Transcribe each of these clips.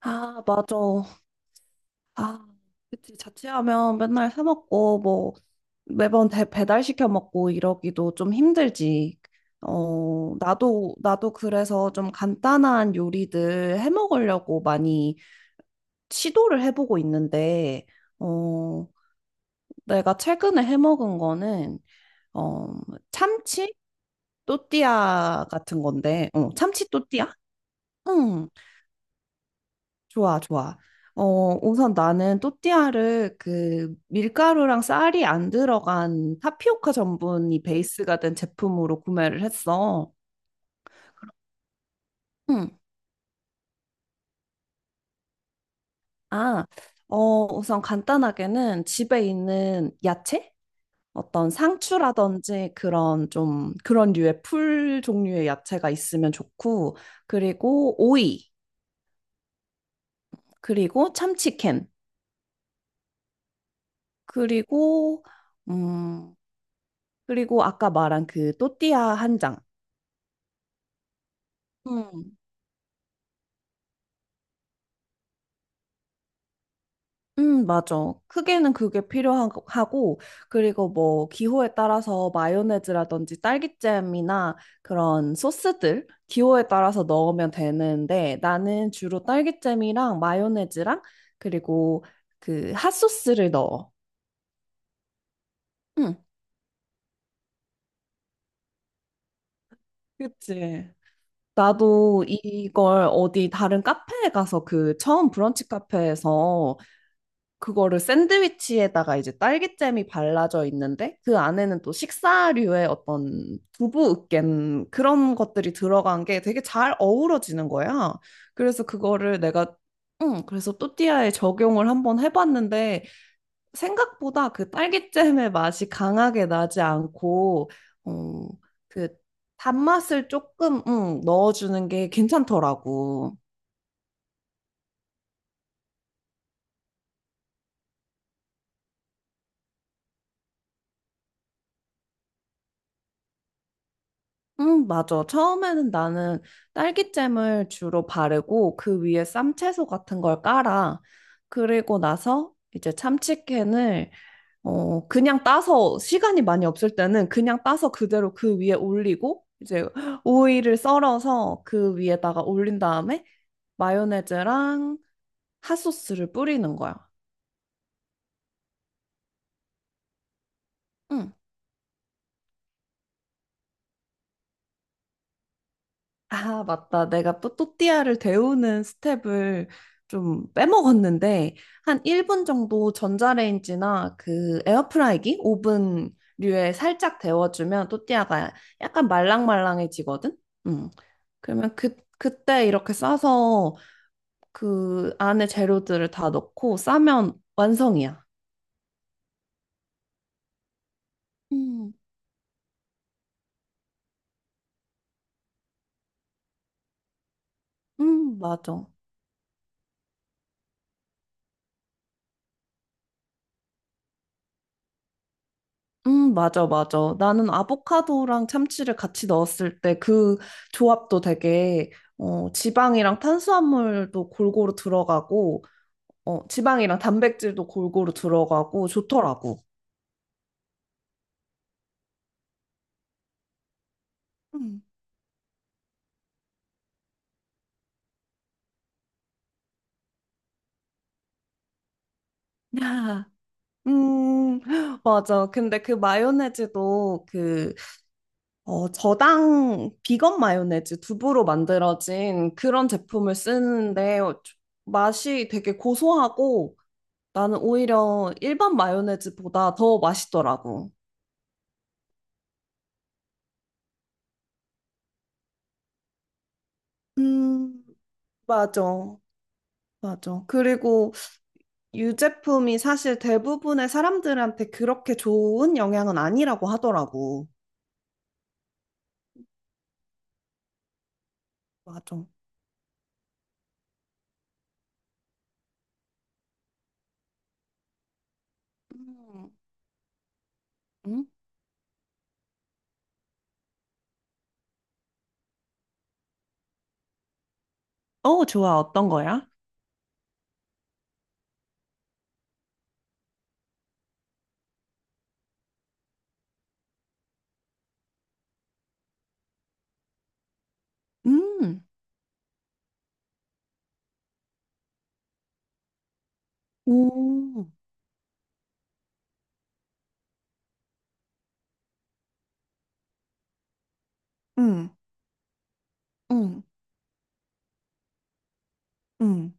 아, 맞아. 아, 그치. 자취하면 맨날 사 먹고, 뭐, 매번 배달시켜 먹고 이러기도 좀 힘들지. 나도 그래서 좀 간단한 요리들 해 먹으려고 많이 시도를 해보고 있는데, 어, 내가 최근에 해 먹은 거는, 어, 참치 또띠아 같은 건데, 참치 또띠아? 응. 좋아, 좋아. 우선 나는 또띠아를 그 밀가루랑 쌀이 안 들어간 타피오카 전분이 베이스가 된 제품으로 구매를 했어. 응, 아, 우선 간단하게는 집에 있는 야채? 어떤 상추라든지 그런 좀 그런 류의 풀 종류의 야채가 있으면 좋고, 그리고 오이, 그리고 참치캔, 그리고, 음, 그리고 아까 말한 그 또띠아 한 장. 맞아. 크게는 그게 필요하고, 그리고 뭐, 기호에 따라서 마요네즈라든지 딸기잼이나 그런 소스들, 기호에 따라서 넣으면 되는데, 나는 주로 딸기잼이랑 마요네즈랑, 그리고 그 핫소스를 넣어. 응, 그치. 나도 이걸 어디 다른 카페에 가서 그 처음 브런치 카페에서 그거를 샌드위치에다가 이제 딸기잼이 발라져 있는데 그 안에는 또 식사류의 어떤 두부 으깬 그런 것들이 들어간 게 되게 잘 어우러지는 거야. 그래서 그거를 내가 응, 그래서 또띠아에 적용을 한번 해봤는데 생각보다 그 딸기잼의 맛이 강하게 나지 않고 어, 그 단맛을 조금 응, 넣어주는 게 괜찮더라고. 응, 맞아. 처음에는 나는 딸기잼을 주로 바르고 그 위에 쌈채소 같은 걸 깔아. 그리고 나서 이제 참치캔을 그냥 따서 시간이 많이 없을 때는 그냥 따서 그대로 그 위에 올리고 이제 오이를 썰어서 그 위에다가 올린 다음에 마요네즈랑 핫소스를 뿌리는 거야. 응. 아, 맞다. 내가 또 또띠아를 데우는 스텝을 좀 빼먹었는데, 한 1분 정도 전자레인지나 그 에어프라이기, 오븐류에 살짝 데워주면 또띠아가 약간 말랑말랑해지거든? 음. 그러면 그때 이렇게 싸서 그 안에 재료들을 다 넣고 싸면 완성이야. 음, 맞아. 맞아, 맞아. 나는 아보카도랑 참치를 같이 넣었을 때 그 조합도 되게, 지방이랑 탄수화물도 골고루 들어가고, 지방이랑 단백질도 골고루 들어가고, 좋더라고. 음. 야, 음, 맞아. 근데 그 마요네즈도 저당 비건 마요네즈 두부로 만들어진 그런 제품을 쓰는데 맛이 되게 고소하고 나는 오히려 일반 마요네즈보다 더 맛있더라고. 음, 맞아. 맞아. 그리고 유제품이 사실 대부분의 사람들한테 그렇게 좋은 영향은 아니라고 하더라고. 맞아. 음, 응? 좋아. 어떤 거야? 음, 오, 응, 음, 응,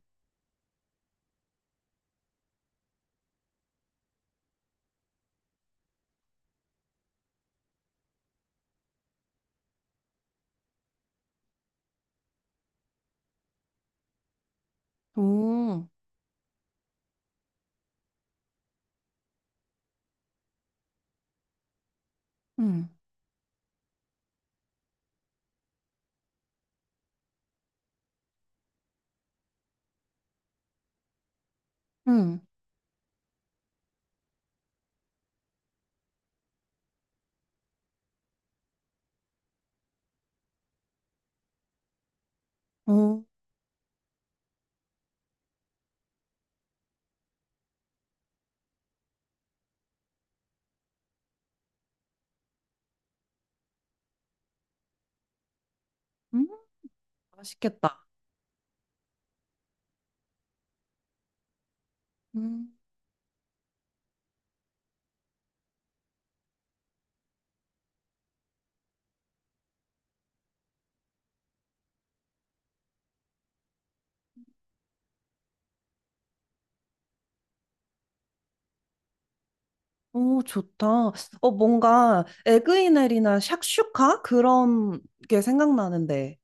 오, 응, 음, 음, 응. 맛있겠다. 음. 오, 좋다. 뭔가 에그이넬이나 샥슈카 그런 게 생각나는데.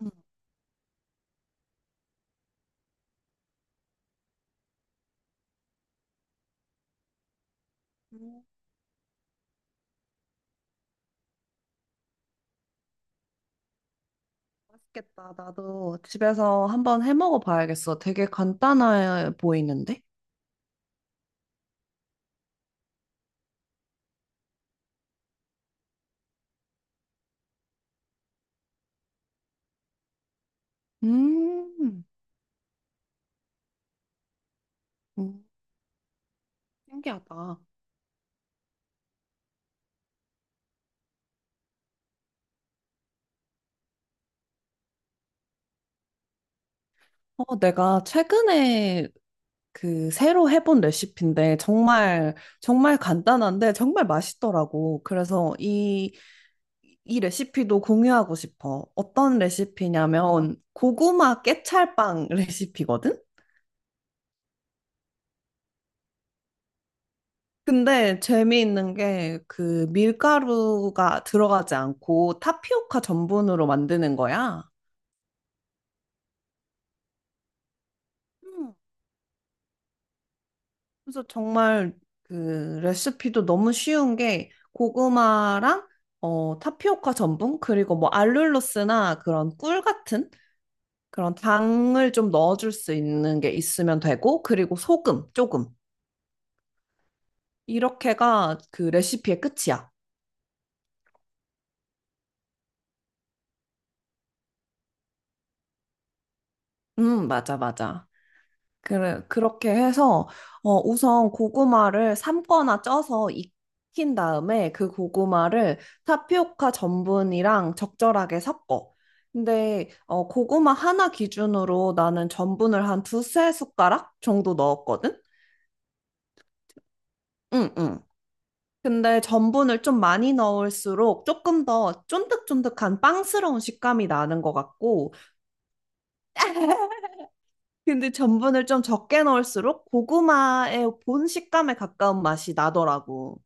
음. 음, 맛있겠다. 나도 집에서 한번 해 먹어 봐야겠어. 되게 간단해 보이는데? 음, 음. 신기하다. 내가 최근에 그 새로 해본 레시피인데 정말 정말 간단한데 정말 맛있더라고. 그래서 이 레시피도 공유하고 싶어. 어떤 레시피냐면 고구마 깨찰빵 레시피거든? 근데 재미있는 게 그 밀가루가 들어가지 않고 타피오카 전분으로 만드는 거야. 음. 그래서 정말 그 레시피도 너무 쉬운 게 고구마랑 타피오카 전분 그리고 뭐 알룰로스나 그런 꿀 같은 그런 당을 좀 넣어줄 수 있는 게 있으면 되고 그리고 소금 조금 이렇게가 그 레시피의 끝이야. 맞아, 맞아. 그래, 그렇게 해서, 우선 고구마를 삶거나 쪄서 익힌 다음에 그 고구마를 타피오카 전분이랑 적절하게 섞어. 근데, 고구마 하나 기준으로 나는 전분을 한 두 세 숟가락 정도 넣었거든? 응, 응. 근데 전분을 좀 많이 넣을수록 조금 더 쫀득쫀득한 빵스러운 식감이 나는 것 같고, 근데 전분을 좀 적게 넣을수록 고구마의 본 식감에 가까운 맛이 나더라고.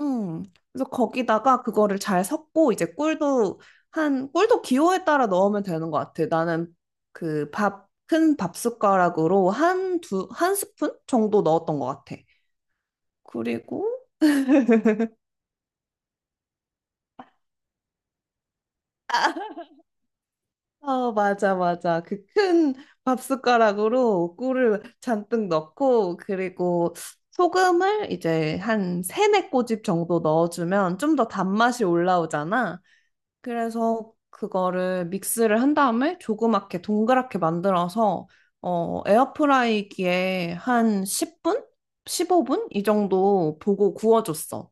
음. 그래서 거기다가 그거를 잘 섞고 이제 꿀도 기호에 따라 넣으면 되는 것 같아. 나는 그 큰 밥 숟가락으로 한 한 스푼 정도 넣었던 것 같아. 그리고 맞아, 맞아. 그 큰 밥숟가락으로 꿀을 잔뜩 넣고, 그리고 소금을 이제 한 세네 꼬집 정도 넣어주면 좀 더 단맛이 올라오잖아. 그래서 그거를 믹스를 한 다음에 조그맣게 동그랗게 만들어서, 에어프라이기에 한 10분? 15분? 이 정도 보고 구워줬어.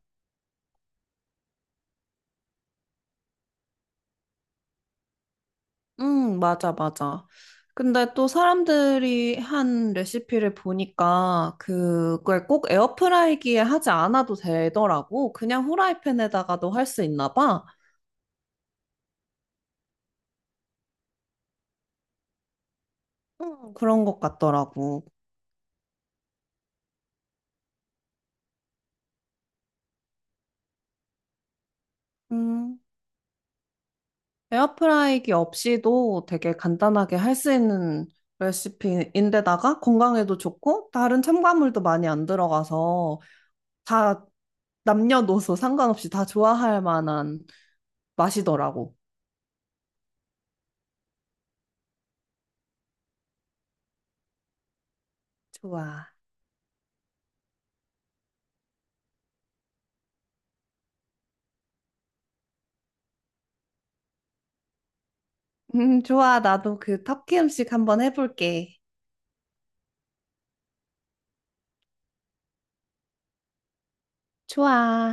응, 맞아, 맞아. 근데 또 사람들이 한 레시피를 보니까 그걸 꼭 에어프라이기에 하지 않아도 되더라고. 그냥 후라이팬에다가도 할 수 있나 봐. 응, 그런 것 같더라고. 음, 에어프라이기 없이도 되게 간단하게 할 수 있는 레시피인데다가 건강에도 좋고 다른 첨가물도 많이 안 들어가서 다 남녀노소 상관없이 다 좋아할 만한 맛이더라고. 좋아. 좋아. 나도 그 터키 음식 한번 해볼게. 좋아.